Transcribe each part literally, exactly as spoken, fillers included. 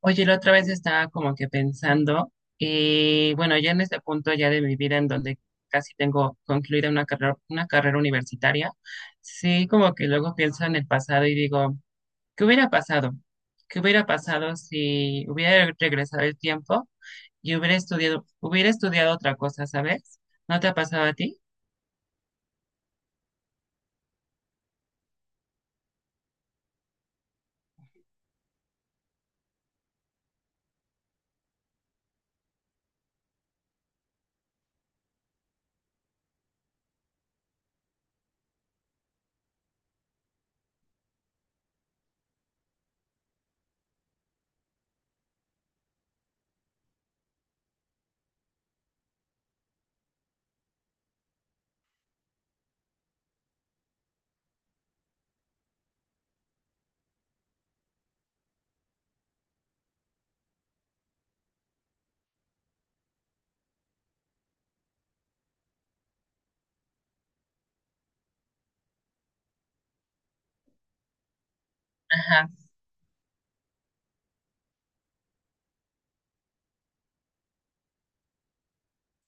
Oye, la otra vez estaba como que pensando, y bueno, ya en este punto ya de mi vida en donde casi tengo concluida una carrera, una carrera universitaria, sí, como que luego pienso en el pasado y digo, ¿qué hubiera pasado? ¿Qué hubiera pasado si hubiera regresado el tiempo y hubiera estudiado, hubiera estudiado otra cosa, ¿sabes? ¿No te ha pasado a ti? Ajá,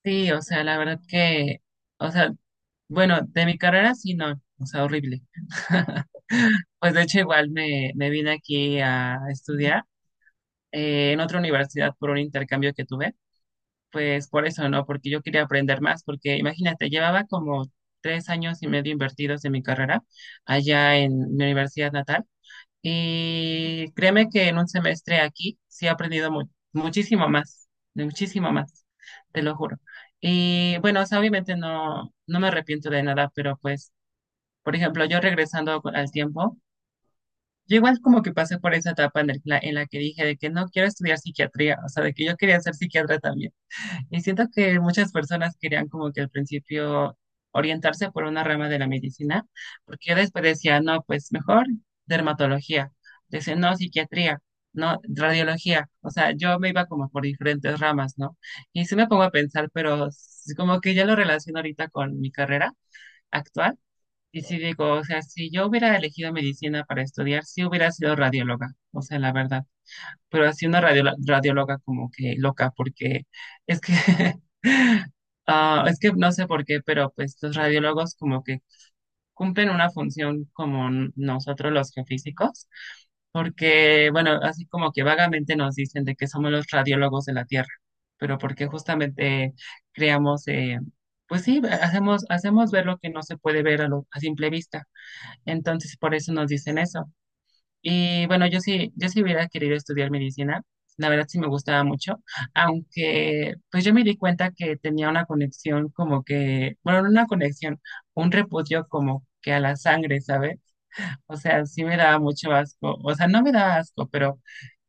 sí, o sea, la verdad que, o sea, bueno, de mi carrera sí, no, o sea, horrible. Pues de hecho igual me, me vine aquí a estudiar eh, en otra universidad por un intercambio que tuve, pues por eso no, porque yo quería aprender más, porque imagínate, llevaba como tres años y medio invertidos en mi carrera allá en mi universidad natal y créeme que en un semestre aquí sí he aprendido mu- muchísimo más, muchísimo más, te lo juro. Y bueno, o sea, obviamente no, no me arrepiento de nada, pero pues por ejemplo, yo regresando al tiempo, yo igual como que pasé por esa etapa en, el- la, en la que dije de que no quiero estudiar psiquiatría, o sea, de que yo quería ser psiquiatra también. Y siento que muchas personas querían como que al principio orientarse por una rama de la medicina, porque yo después decía, no, pues mejor dermatología, decía, no, psiquiatría, no, radiología, o sea, yo me iba como por diferentes ramas, ¿no? Y sí me pongo a pensar, pero s- como que ya lo relaciono ahorita con mi carrera actual y sí digo, o sea, si yo hubiera elegido medicina para estudiar, sí hubiera sido radióloga, o sea, la verdad. Pero así una radiola- radióloga como que loca, porque es que, ah, es que no sé por qué, pero pues los radiólogos como que cumplen una función como n- nosotros los geofísicos, porque, bueno, así como que vagamente nos dicen de que somos los radiólogos de la Tierra, pero porque justamente creamos, eh, pues sí, hacemos, hacemos ver lo que no se puede ver a, lo- a simple vista. Entonces, por eso nos dicen eso. Y bueno, yo sí, yo sí hubiera querido estudiar medicina. La verdad sí me gustaba mucho, aunque pues yo me di cuenta que tenía una conexión como que, bueno, no una conexión, un repudio como que a la sangre, ¿sabes? O sea, sí me daba mucho asco, o sea, no me daba asco, pero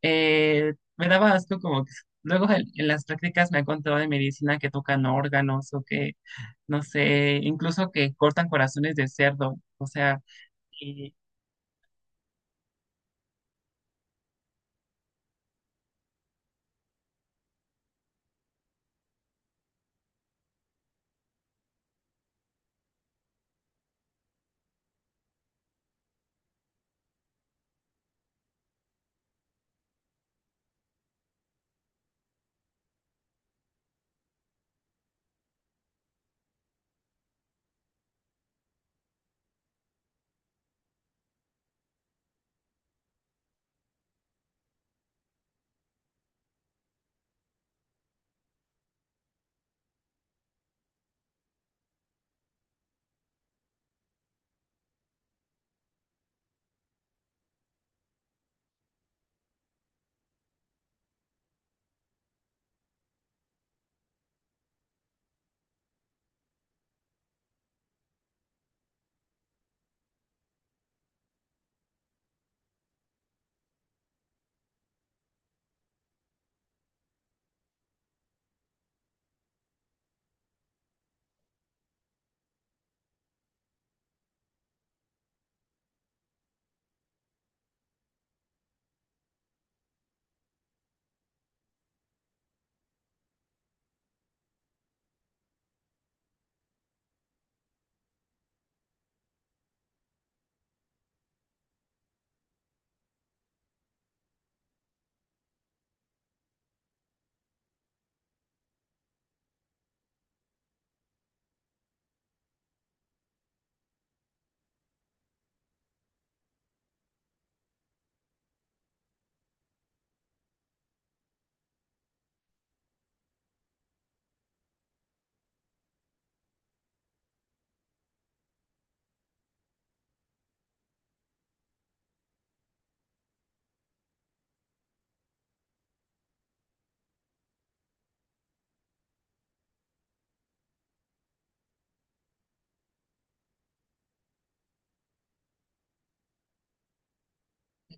eh, me daba asco como que luego en, en las prácticas me han contado de medicina que tocan órganos o que, no sé, incluso que cortan corazones de cerdo, o sea,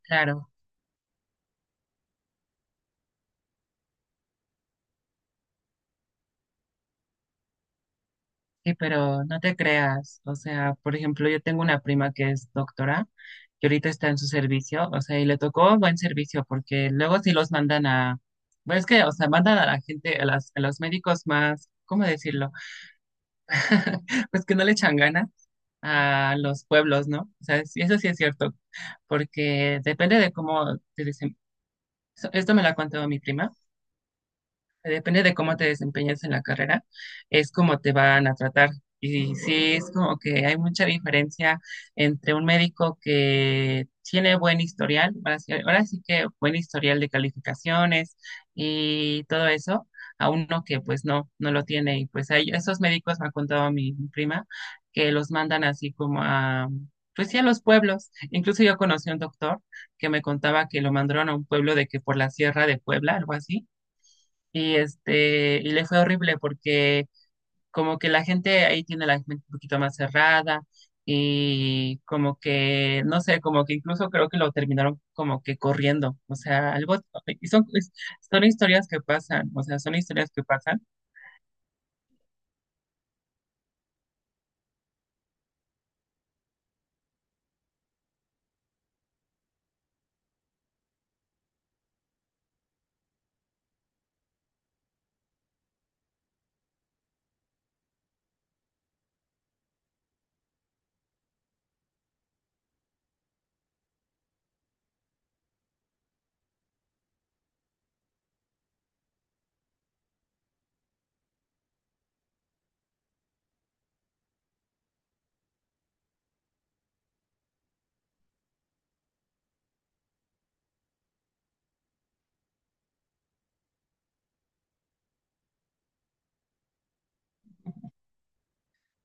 claro, sí, pero no te creas. O sea, por ejemplo, yo tengo una prima que es doctora y ahorita está en su servicio, o sea, y le tocó buen servicio porque luego sí los mandan a, bueno, es que, o sea, mandan a la gente, a, las, a los médicos más, ¿cómo decirlo? Pues que no le echan ganas a los pueblos, ¿no? O sea, sí, eso sí es cierto, porque depende de cómo te dicen. Esto me lo ha contado mi prima. Depende de cómo te desempeñes en la carrera, es como te van a tratar. Y sí, es como que hay mucha diferencia entre un médico que tiene buen historial, ahora sí, ahora sí que buen historial de calificaciones y todo eso, a uno que pues no, no lo tiene. Y pues hay esos médicos, me ha contado mi, mi prima, que los mandan así como a, pues sí, a los pueblos. Incluso yo conocí a un doctor que me contaba que lo mandaron a un pueblo de que por la sierra de Puebla, algo así y este, y le fue horrible porque como que la gente ahí tiene la mente un poquito más cerrada y como que, no sé, como que incluso creo que lo terminaron como que corriendo. O sea, algo, y son, es- son historias que pasan, o sea, son historias que pasan.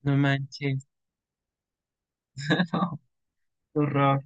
No manches, no, qué horror.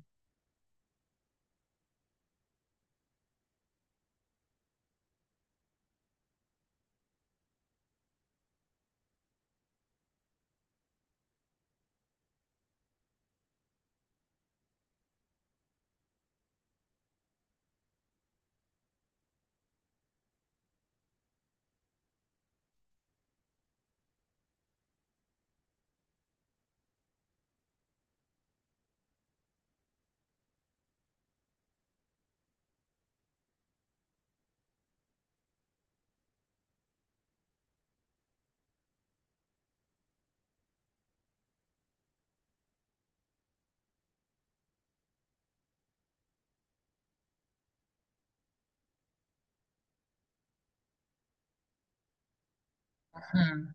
Ujú.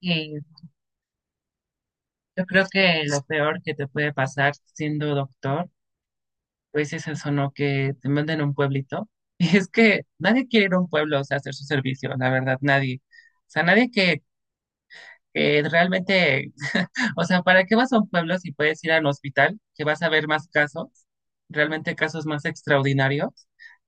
Y yo creo que lo peor que te puede pasar siendo doctor pues es eso, ¿no? Que te manden a un pueblito. Y es que nadie quiere ir a un pueblo, o sea, a hacer su servicio, la verdad, nadie. O sea, nadie que, que realmente o sea, ¿para qué vas a un pueblo si puedes ir al hospital, que vas a ver más casos, realmente casos más extraordinarios,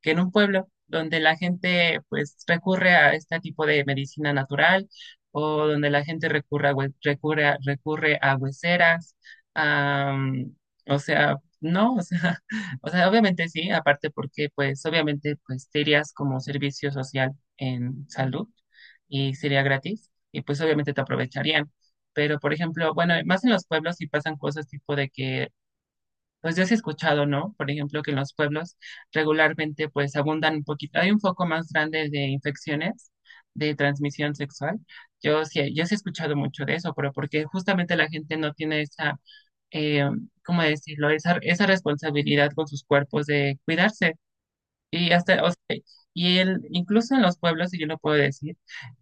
que en un pueblo donde la gente pues recurre a este tipo de medicina natural o donde la gente recurre a, hue- recurre a- recurre a hueseras? A, mm, o sea, no, o sea, o sea, obviamente sí, aparte porque pues obviamente pues te irías como servicio social en salud y sería gratis y pues obviamente te aprovecharían. Pero, por ejemplo, bueno, más en los pueblos sí pasan cosas tipo de que, pues ya se ha escuchado, ¿no? Por ejemplo, que en los pueblos regularmente pues abundan un poquito, hay un foco más grande de infecciones de transmisión sexual. Yo sí, yo sí he escuchado mucho de eso, pero porque justamente la gente no tiene esa, eh, ¿cómo decirlo? Esa, esa responsabilidad con sus cuerpos de cuidarse. Y hasta, o sea, y él, incluso en los pueblos, y yo lo puedo decir,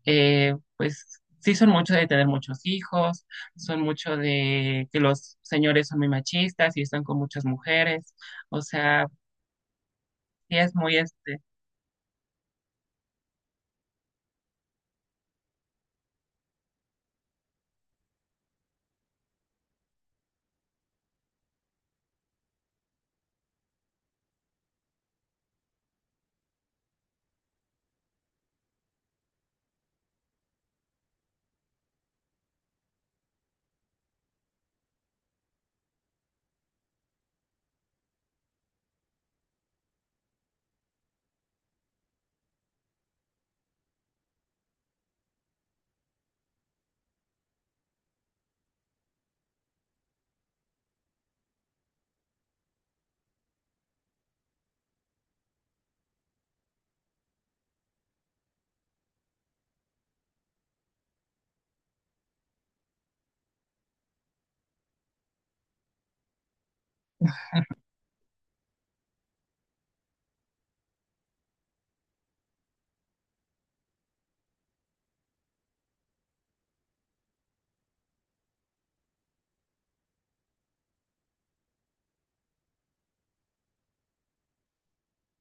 eh, pues sí son mucho de tener muchos hijos, son mucho de que los señores son muy machistas y están con muchas mujeres, o sea, sí es muy, este,